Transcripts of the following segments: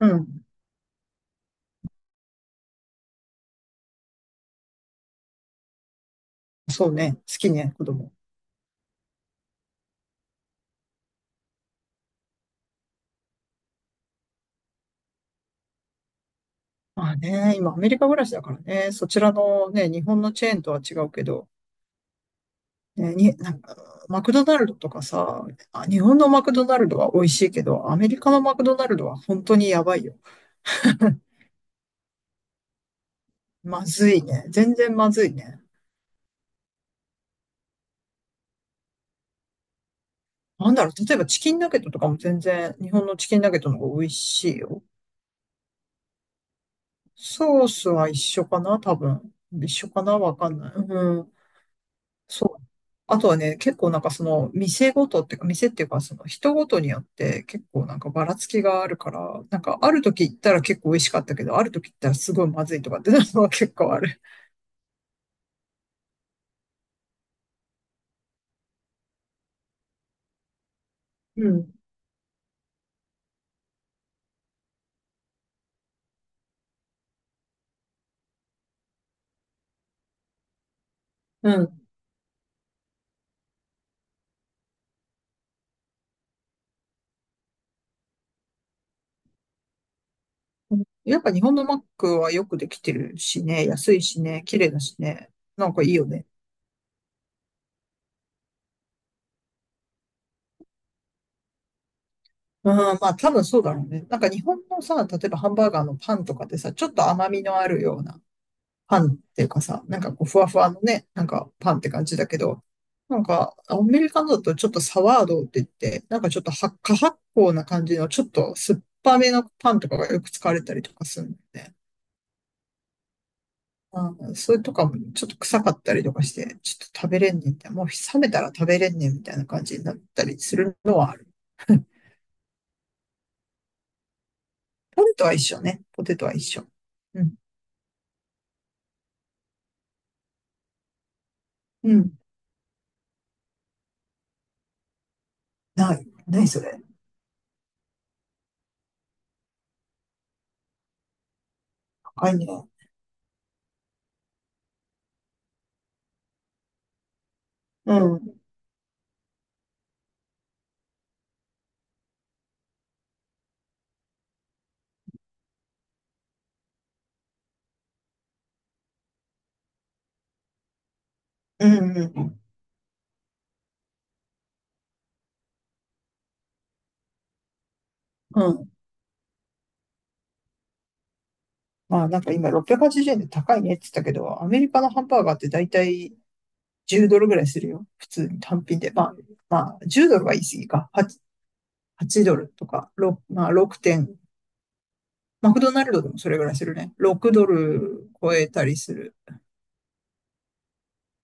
うん。そうね、好きね、子供。まあね、今アメリカ暮らしだからね、そちらのね、日本のチェーンとは違うけど、ね、に、なんか、マクドナルドとかさ、あ、日本のマクドナルドは美味しいけど、アメリカのマクドナルドは本当にやばいよ。まずいね。全然まずいね。なんだろう、例えばチキンナゲットとかも全然日本のチキンナゲットの方が美味しいよ。ソースは一緒かな多分。一緒かなわかんない。うん、そう。あとはね、結構なんかその店ごとっていうか、店っていうかその人ごとによって結構なんかばらつきがあるから、なんかある時行ったら結構美味しかったけど、ある時行ったらすごいまずいとかってなるのは結構ある。うん、うん。やっぱ日本のマックはよくできてるしね、安いしね、綺麗だしね、なんかいいよね。うん、まあ多分そうだろうね。なんか日本のさ、例えばハンバーガーのパンとかでさ、ちょっと甘みのあるような、パンっていうかさ、なんかこう、ふわふわのね、なんかパンって感じだけど、なんか、アメリカのだとちょっとサワードって言って、なんかちょっと発火発酵な感じの、ちょっと酸っぱめのパンとかがよく使われたりとかするんだよね。うん、それとかもちょっと臭かったりとかして、ちょっと食べれんねんみたいな、もう冷めたら食べれんねんみたいな感じになったりするのはある。ポテトは一緒ね。ポテトは一緒。うん。うん。ない。ないそれ。高いね。うん。うんうん。うん。まあなんか今680円で高いねって言ったけど、アメリカのハンバーガーってだいたい10ドルぐらいするよ。普通に単品で。まあ、まあ10ドルは言い過ぎか。8 ドルとか、まあ6点。マクドナルドでもそれぐらいするね。6ドル超えたりする。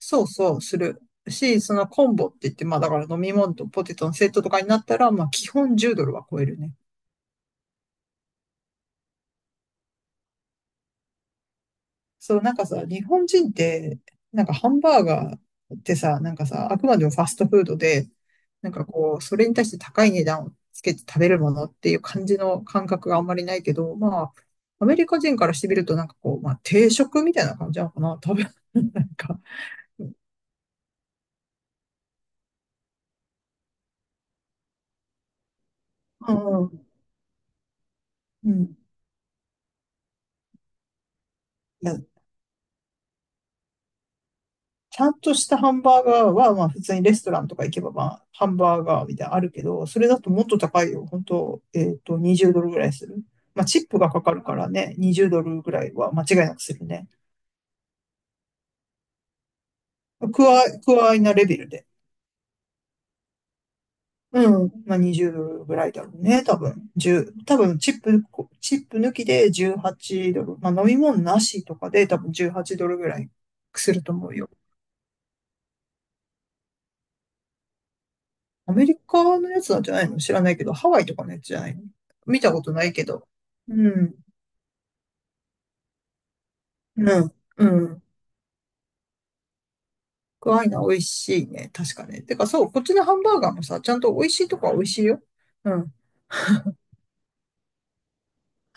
そうそう、する。し、そのコンボって言って、まあだから飲み物とポテトのセットとかになったら、まあ基本10ドルは超えるね。そう、なんかさ、日本人って、なんかハンバーガーってさ、なんかさ、あくまでもファストフードで、なんかこう、それに対して高い値段をつけて食べるものっていう感じの感覚があんまりないけど、まあ、アメリカ人からしてみると、なんかこう、まあ、定食みたいな感じなのかな、多分。なんか、うん、うん。ちゃんとしたハンバーガーは、まあ普通にレストランとか行けば、まあハンバーガーみたいなのあるけど、それだともっと高いよ。本当20ドルぐらいする。まあチップがかかるからね、20ドルぐらいは間違いなくするね。クワイなレベルで。うん。まあ20ドルぐらいだろうね、多分。10、多分チップ、抜きで18ドル。まあ飲み物なしとかで多分18ドルぐらいすると思うよ。アメリカのやつなんじゃないの、知らないけど、ハワイとかのやつじゃないの、見たことないけど。うん、うん、うん。クアイナ美味しいね。確かね。てかそう、こっちのハンバーガーもさ、ちゃんと美味しいとこは美味しいよ。うん。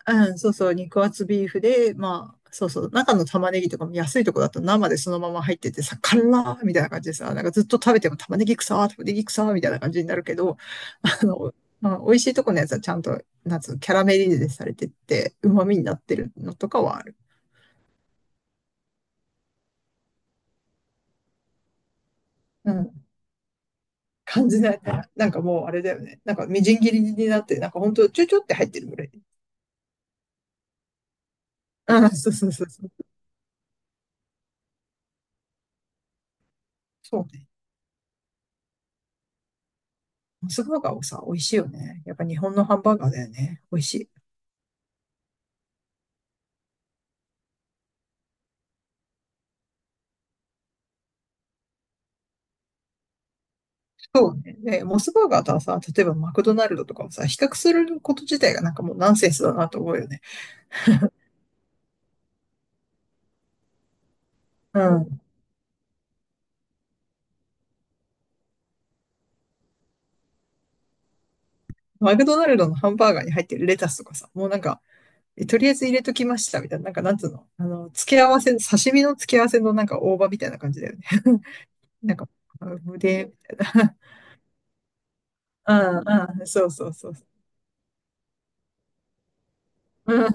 うん、そうそう、肉厚ビーフで、まあ、そうそう、中の玉ねぎとかも安いとこだと生でそのまま入っててさ、辛ーみたいな感じでさ、なんかずっと食べても玉ねぎ臭ー、玉ねぎ臭ーみたいな感じになるけど、あの、まあ、美味しいとこのやつはちゃんと、なんつうの、キャラメリゼされてって、旨味になってるのとかはある。うん、感じないから、なんかもうあれだよね。なんかみじん切りになって、なんかほんとちょちょって入ってるぐらい。ああ、そうそうそうそう。そうね。モスバーガーをさ、美味しいよね。やっぱ日本のハンバーガーだよね。美味しい。そうね。で、モスバーガーとはさ、例えばマクドナルドとかをさ、比較すること自体がなんかもうナンセンスだなと思うよね。うん。マクドナルドのハンバーガーに入ってるレタスとかさ、もうなんか、とりあえず入れときましたみたいな、なんかなんつうの、あの、付け合わせ、刺身の付け合わせのなんか大葉みたいな感じだよね。なんか、あ、無でみたいな。うんうん、そうそうそうそう。うん、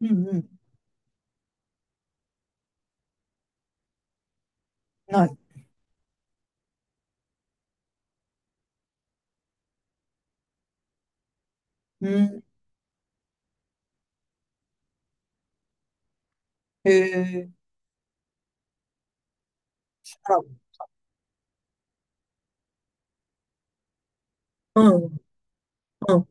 うんうん、ない。うん、へえ、あら、うんへえ、あうん。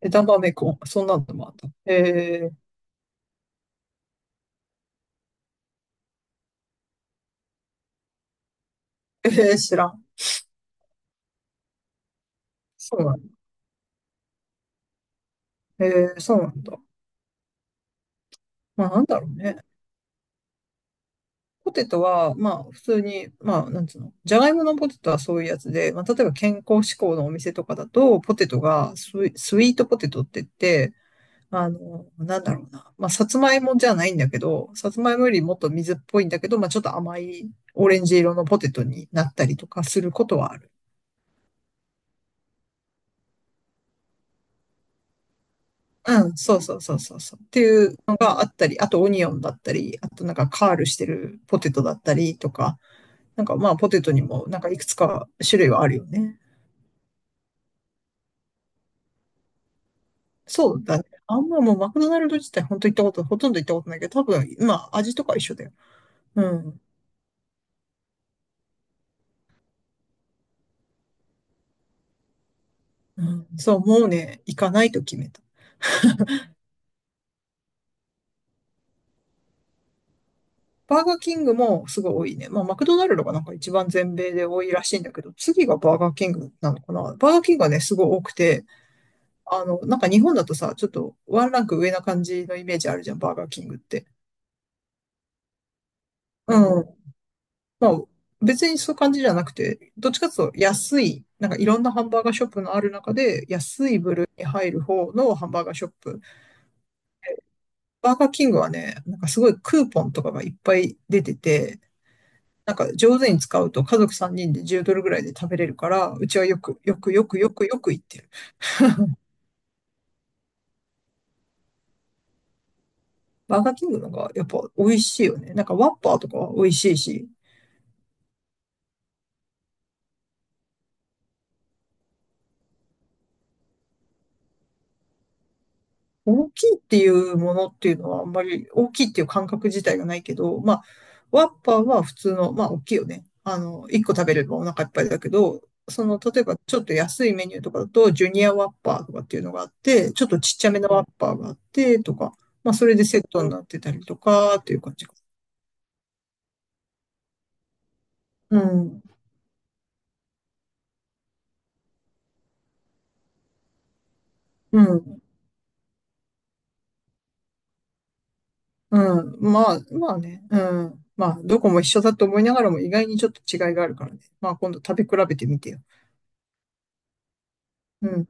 枝豆コン、そんなのもあった。へえ、ええ、知らん。そうなんだ。へえ、そうなんだ。まあ、なんだろうね。ポテトは、まあ、普通に、まあ、なんつうの、じゃがいものポテトはそういうやつで、まあ、例えば健康志向のお店とかだと、ポテトがスイートポテトって言って、あの、なんだろうな。まあ、さつまいもじゃないんだけど、さつまいもよりもっと水っぽいんだけど、まあ、ちょっと甘いオレンジ色のポテトになったりとかすることはある。うん、そうそうそうそうそう。っていうのがあったり、あとオニオンだったり、あとなんかカールしてるポテトだったりとか、なんかまあポテトにもなんかいくつか種類はあるよね。そうだね。あんまもうマクドナルド自体本当行ったこと、ほとんど行ったことないけど、多分、まあ味とか一緒だよ。うん。うん、そう、もうね、行かないと決めた。バーガーキングもすごい多いね。まあ、マクドナルドがなんか一番全米で多いらしいんだけど、次がバーガーキングなのかな。バーガーキングはね、すごい多くて、あの、なんか日本だとさ、ちょっとワンランク上な感じのイメージあるじゃん、バーガーキングって。うん。まあ、別にそういう感じじゃなくて、どっちかっていうと安い、なんかいろんなハンバーガーショップのある中で、安い部類に入る方のハンバーガーショップ。バーガーキングはね、なんかすごいクーポンとかがいっぱい出てて、なんか上手に使うと家族3人で10ドルぐらいで食べれるから、うちはよく、よく、よく、よく、よく行ってる。バーガーキングのがやっぱ美味しいよね。なんかワッパーとかは美味しいし、大きいっていうものっていうのはあんまり大きいっていう感覚自体がないけど、まあ、ワッパーは普通の、まあ大きいよね。あの、1個食べればお腹いっぱいだけど、その、例えばちょっと安いメニューとかだと、ジュニアワッパーとかっていうのがあって、ちょっとちっちゃめのワッパーがあって、とか、まあそれでセットになってたりとか、っていう感じか。うん。うん。うん。まあ、まあね。うん。まあ、どこも一緒だと思いながらも意外にちょっと違いがあるからね。まあ、今度食べ比べてみてよ。うん。